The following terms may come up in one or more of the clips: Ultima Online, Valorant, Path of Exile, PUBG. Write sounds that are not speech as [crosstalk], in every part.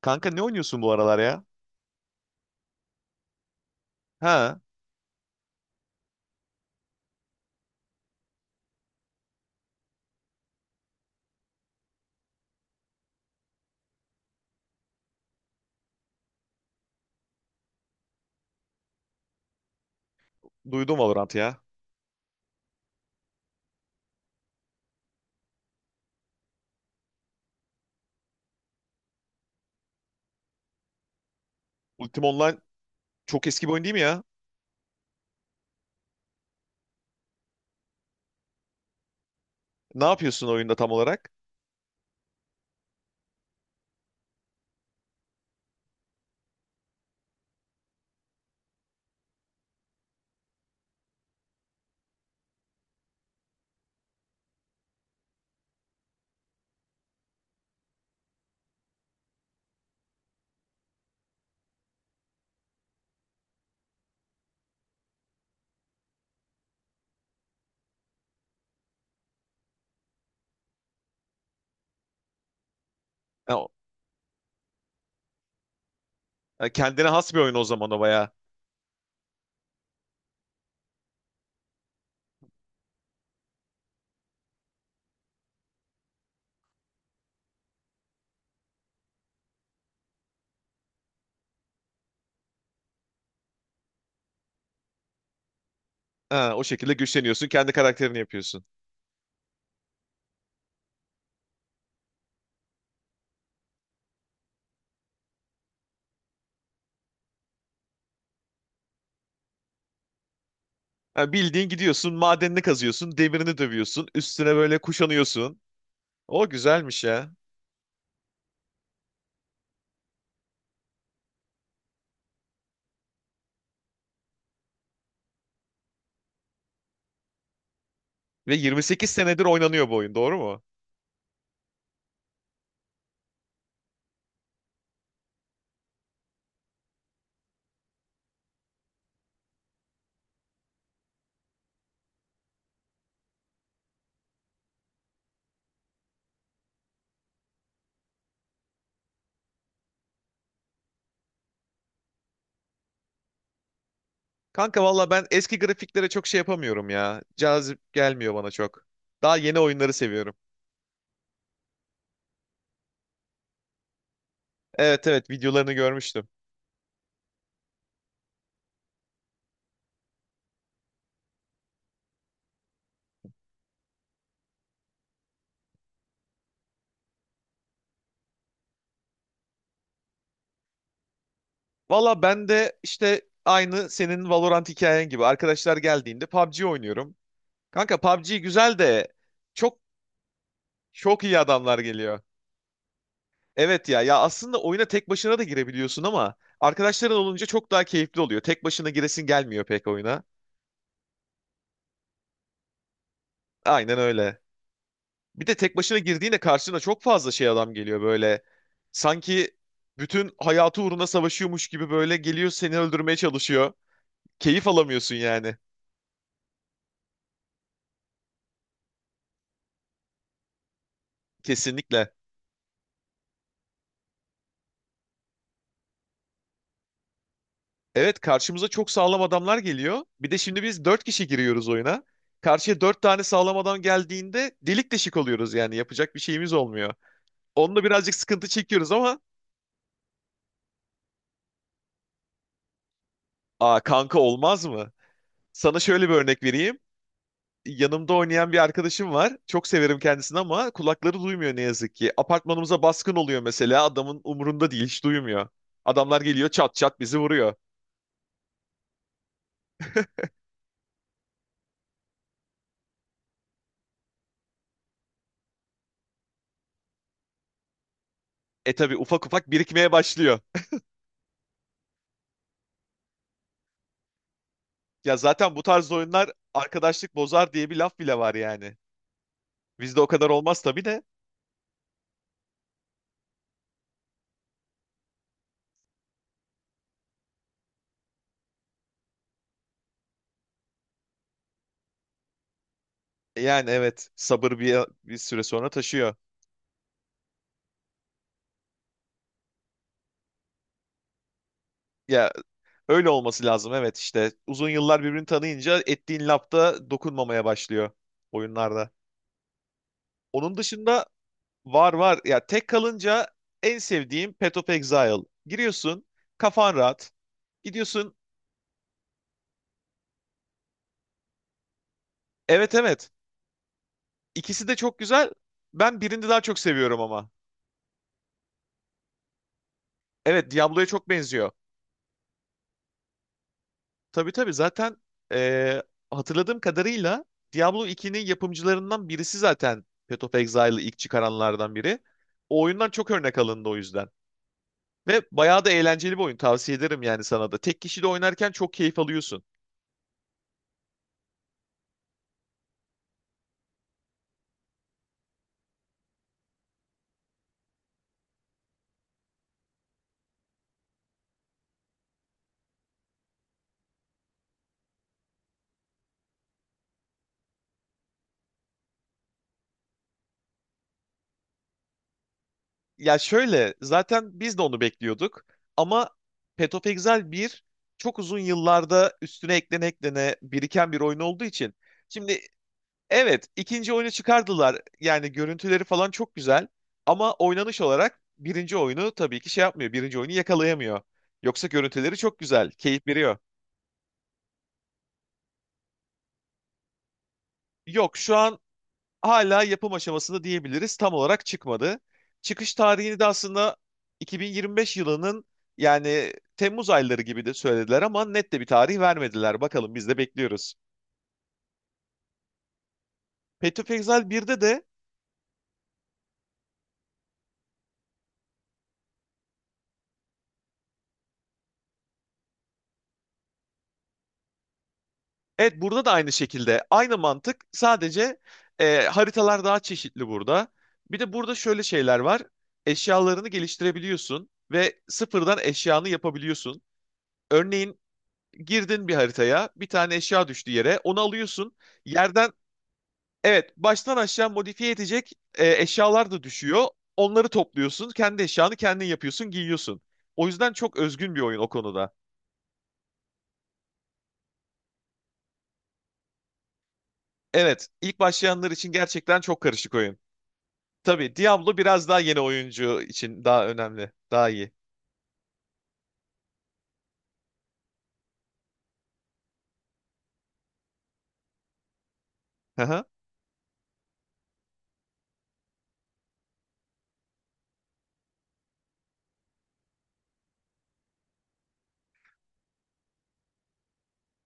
Kanka ne oynuyorsun bu aralar ya? Ha, duydum Valorant ya. Ultima Online çok eski bir oyun değil mi ya? Ne yapıyorsun oyunda tam olarak? Ha, ha, kendine has bir oyun o zaman, o bayağı. Ha, o şekilde güçleniyorsun, kendi karakterini yapıyorsun. Ha, bildiğin gidiyorsun, madenini kazıyorsun, demirini dövüyorsun, üstüne böyle kuşanıyorsun. O güzelmiş ya. Ve 28 senedir oynanıyor bu oyun, doğru mu? Kanka valla ben eski grafiklere çok şey yapamıyorum ya. Cazip gelmiyor bana çok. Daha yeni oyunları seviyorum. Evet, evet, videolarını görmüştüm. Valla ben de işte aynı senin Valorant hikayen gibi arkadaşlar geldiğinde PUBG oynuyorum. Kanka, PUBG güzel de çok çok iyi adamlar geliyor. Evet ya aslında oyuna tek başına da girebiliyorsun ama arkadaşların olunca çok daha keyifli oluyor. Tek başına giresin gelmiyor pek oyuna. Aynen öyle. Bir de tek başına girdiğinde karşına çok fazla şey adam geliyor böyle. Sanki bütün hayatı uğruna savaşıyormuş gibi böyle geliyor, seni öldürmeye çalışıyor. Keyif alamıyorsun yani. Kesinlikle. Evet, karşımıza çok sağlam adamlar geliyor. Bir de şimdi biz dört kişi giriyoruz oyuna. Karşıya dört tane sağlam adam geldiğinde delik deşik oluyoruz, yani yapacak bir şeyimiz olmuyor. Onunla birazcık sıkıntı çekiyoruz ama aa kanka, olmaz mı? Sana şöyle bir örnek vereyim. Yanımda oynayan bir arkadaşım var. Çok severim kendisini ama kulakları duymuyor ne yazık ki. Apartmanımıza baskın oluyor mesela, adamın umurunda değil, hiç duymuyor. Adamlar geliyor, çat çat bizi vuruyor. E tabi ufak ufak birikmeye başlıyor. Ya zaten bu tarz oyunlar arkadaşlık bozar diye bir laf bile var yani. Bizde o kadar olmaz tabii de. Yani evet, sabır bir süre sonra taşıyor. Ya, öyle olması lazım, evet işte. Uzun yıllar birbirini tanıyınca ettiğin lafta dokunmamaya başlıyor oyunlarda. Onun dışında var var. Ya tek kalınca en sevdiğim Path of Exile. Giriyorsun, kafan rahat. Gidiyorsun evet, evet. İkisi de çok güzel. Ben birini daha çok seviyorum ama. Evet, Diablo'ya çok benziyor. Tabii tabii, zaten eee, hatırladığım kadarıyla Diablo 2'nin yapımcılarından birisi zaten Path of Exile'ı ilk çıkaranlardan biri. O oyundan çok örnek alındı o yüzden. Ve bayağı da eğlenceli bir oyun, tavsiye ederim yani sana da. Tek kişi de oynarken çok keyif alıyorsun. Ya şöyle, zaten biz de onu bekliyorduk ama Path of Exile 1 çok uzun yıllarda üstüne eklene eklene biriken bir oyun olduğu için şimdi. Evet, ikinci oyunu çıkardılar. Yani görüntüleri falan çok güzel. Ama oynanış olarak birinci oyunu tabii ki şey yapmıyor. Birinci oyunu yakalayamıyor. Yoksa görüntüleri çok güzel, keyif veriyor. Yok, şu an hala yapım aşamasında diyebiliriz. Tam olarak çıkmadı. Çıkış tarihini de aslında 2025 yılının yani Temmuz ayları gibi de söylediler ama net de bir tarih vermediler. Bakalım, biz de bekliyoruz. Path of Exile 1'de de. Evet, burada da aynı şekilde aynı mantık, sadece haritalar daha çeşitli burada. Bir de burada şöyle şeyler var. Eşyalarını geliştirebiliyorsun ve sıfırdan eşyanı yapabiliyorsun. Örneğin girdin bir haritaya, bir tane eşya düştü yere, onu alıyorsun. Yerden evet, baştan aşağı modifiye edecek eşyalar da düşüyor. Onları topluyorsun, kendi eşyanı kendin yapıyorsun, giyiyorsun. O yüzden çok özgün bir oyun o konuda. Evet, ilk başlayanlar için gerçekten çok karışık oyun. Tabii Diablo biraz daha yeni oyuncu için daha önemli. Daha iyi. Hı hı.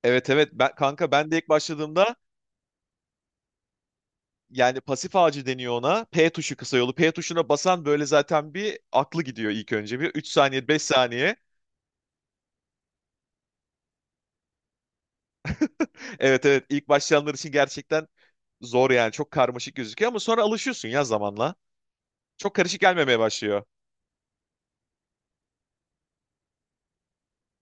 Evet evet, kanka, ben de ilk başladığımda yani pasif ağacı deniyor ona. P tuşu kısa yolu. P tuşuna basan böyle zaten bir aklı gidiyor ilk önce. Bir 3 saniye, 5 saniye. [laughs] Evet, evet, ilk başlayanlar için gerçekten zor yani. Çok karmaşık gözüküyor ama sonra alışıyorsun ya zamanla. Çok karışık gelmemeye başlıyor.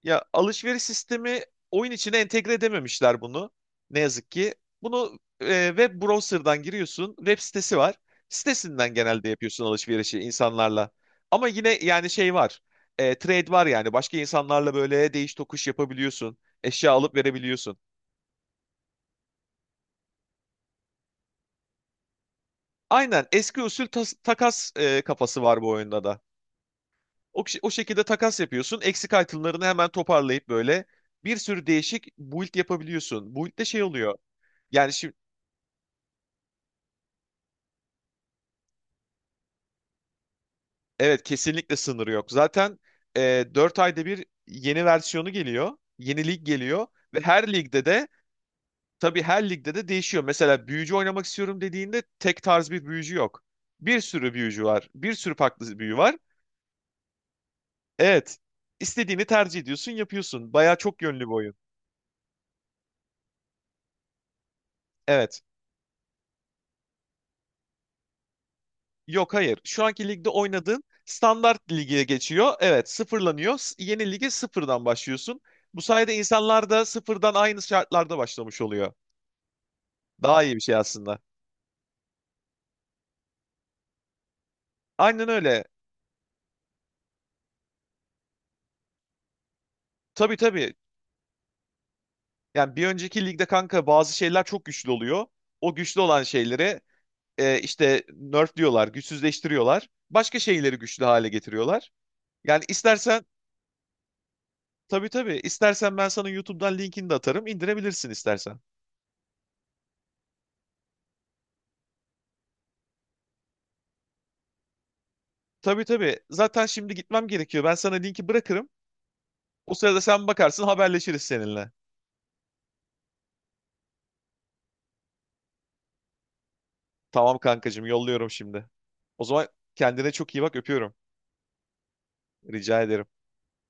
Ya alışveriş sistemi oyun içine entegre edememişler bunu. Ne yazık ki. Bunu web browser'dan giriyorsun. Web sitesi var. Sitesinden genelde yapıyorsun alışverişi insanlarla. Ama yine yani şey var. E, trade var yani. Başka insanlarla böyle değiş tokuş yapabiliyorsun. Eşya alıp verebiliyorsun. Aynen eski usul takas kafası var bu oyunda da. O şekilde takas yapıyorsun. Eksik itemlarını hemen toparlayıp böyle bir sürü değişik build yapabiliyorsun. Build'de şey oluyor. Yani şimdi. Evet, kesinlikle sınırı yok. Zaten 4 ayda bir yeni versiyonu geliyor. Yeni lig geliyor ve her ligde de, tabii her ligde de değişiyor. Mesela büyücü oynamak istiyorum dediğinde tek tarz bir büyücü yok. Bir sürü büyücü var. Bir sürü farklı büyü var. Evet. istediğini tercih ediyorsun, yapıyorsun. Bayağı çok yönlü bir oyun. Evet. Yok, hayır. Şu anki ligde oynadığın standart lige geçiyor. Evet, sıfırlanıyor. Yeni lige sıfırdan başlıyorsun. Bu sayede insanlar da sıfırdan aynı şartlarda başlamış oluyor. Daha iyi bir şey aslında. Aynen öyle. Tabii tabii. Yani bir önceki ligde kanka bazı şeyler çok güçlü oluyor. O güçlü olan şeyleri işte nerf diyorlar, güçsüzleştiriyorlar. Başka şeyleri güçlü hale getiriyorlar. Yani istersen. Tabii tabii, istersen ben sana YouTube'dan linkini de atarım. İndirebilirsin istersen. Tabii tabii. Zaten şimdi gitmem gerekiyor. Ben sana linki bırakırım. O sırada sen bakarsın, haberleşiriz seninle. Tamam kankacığım, yolluyorum şimdi. O zaman, kendine çok iyi bak, öpüyorum. Rica ederim.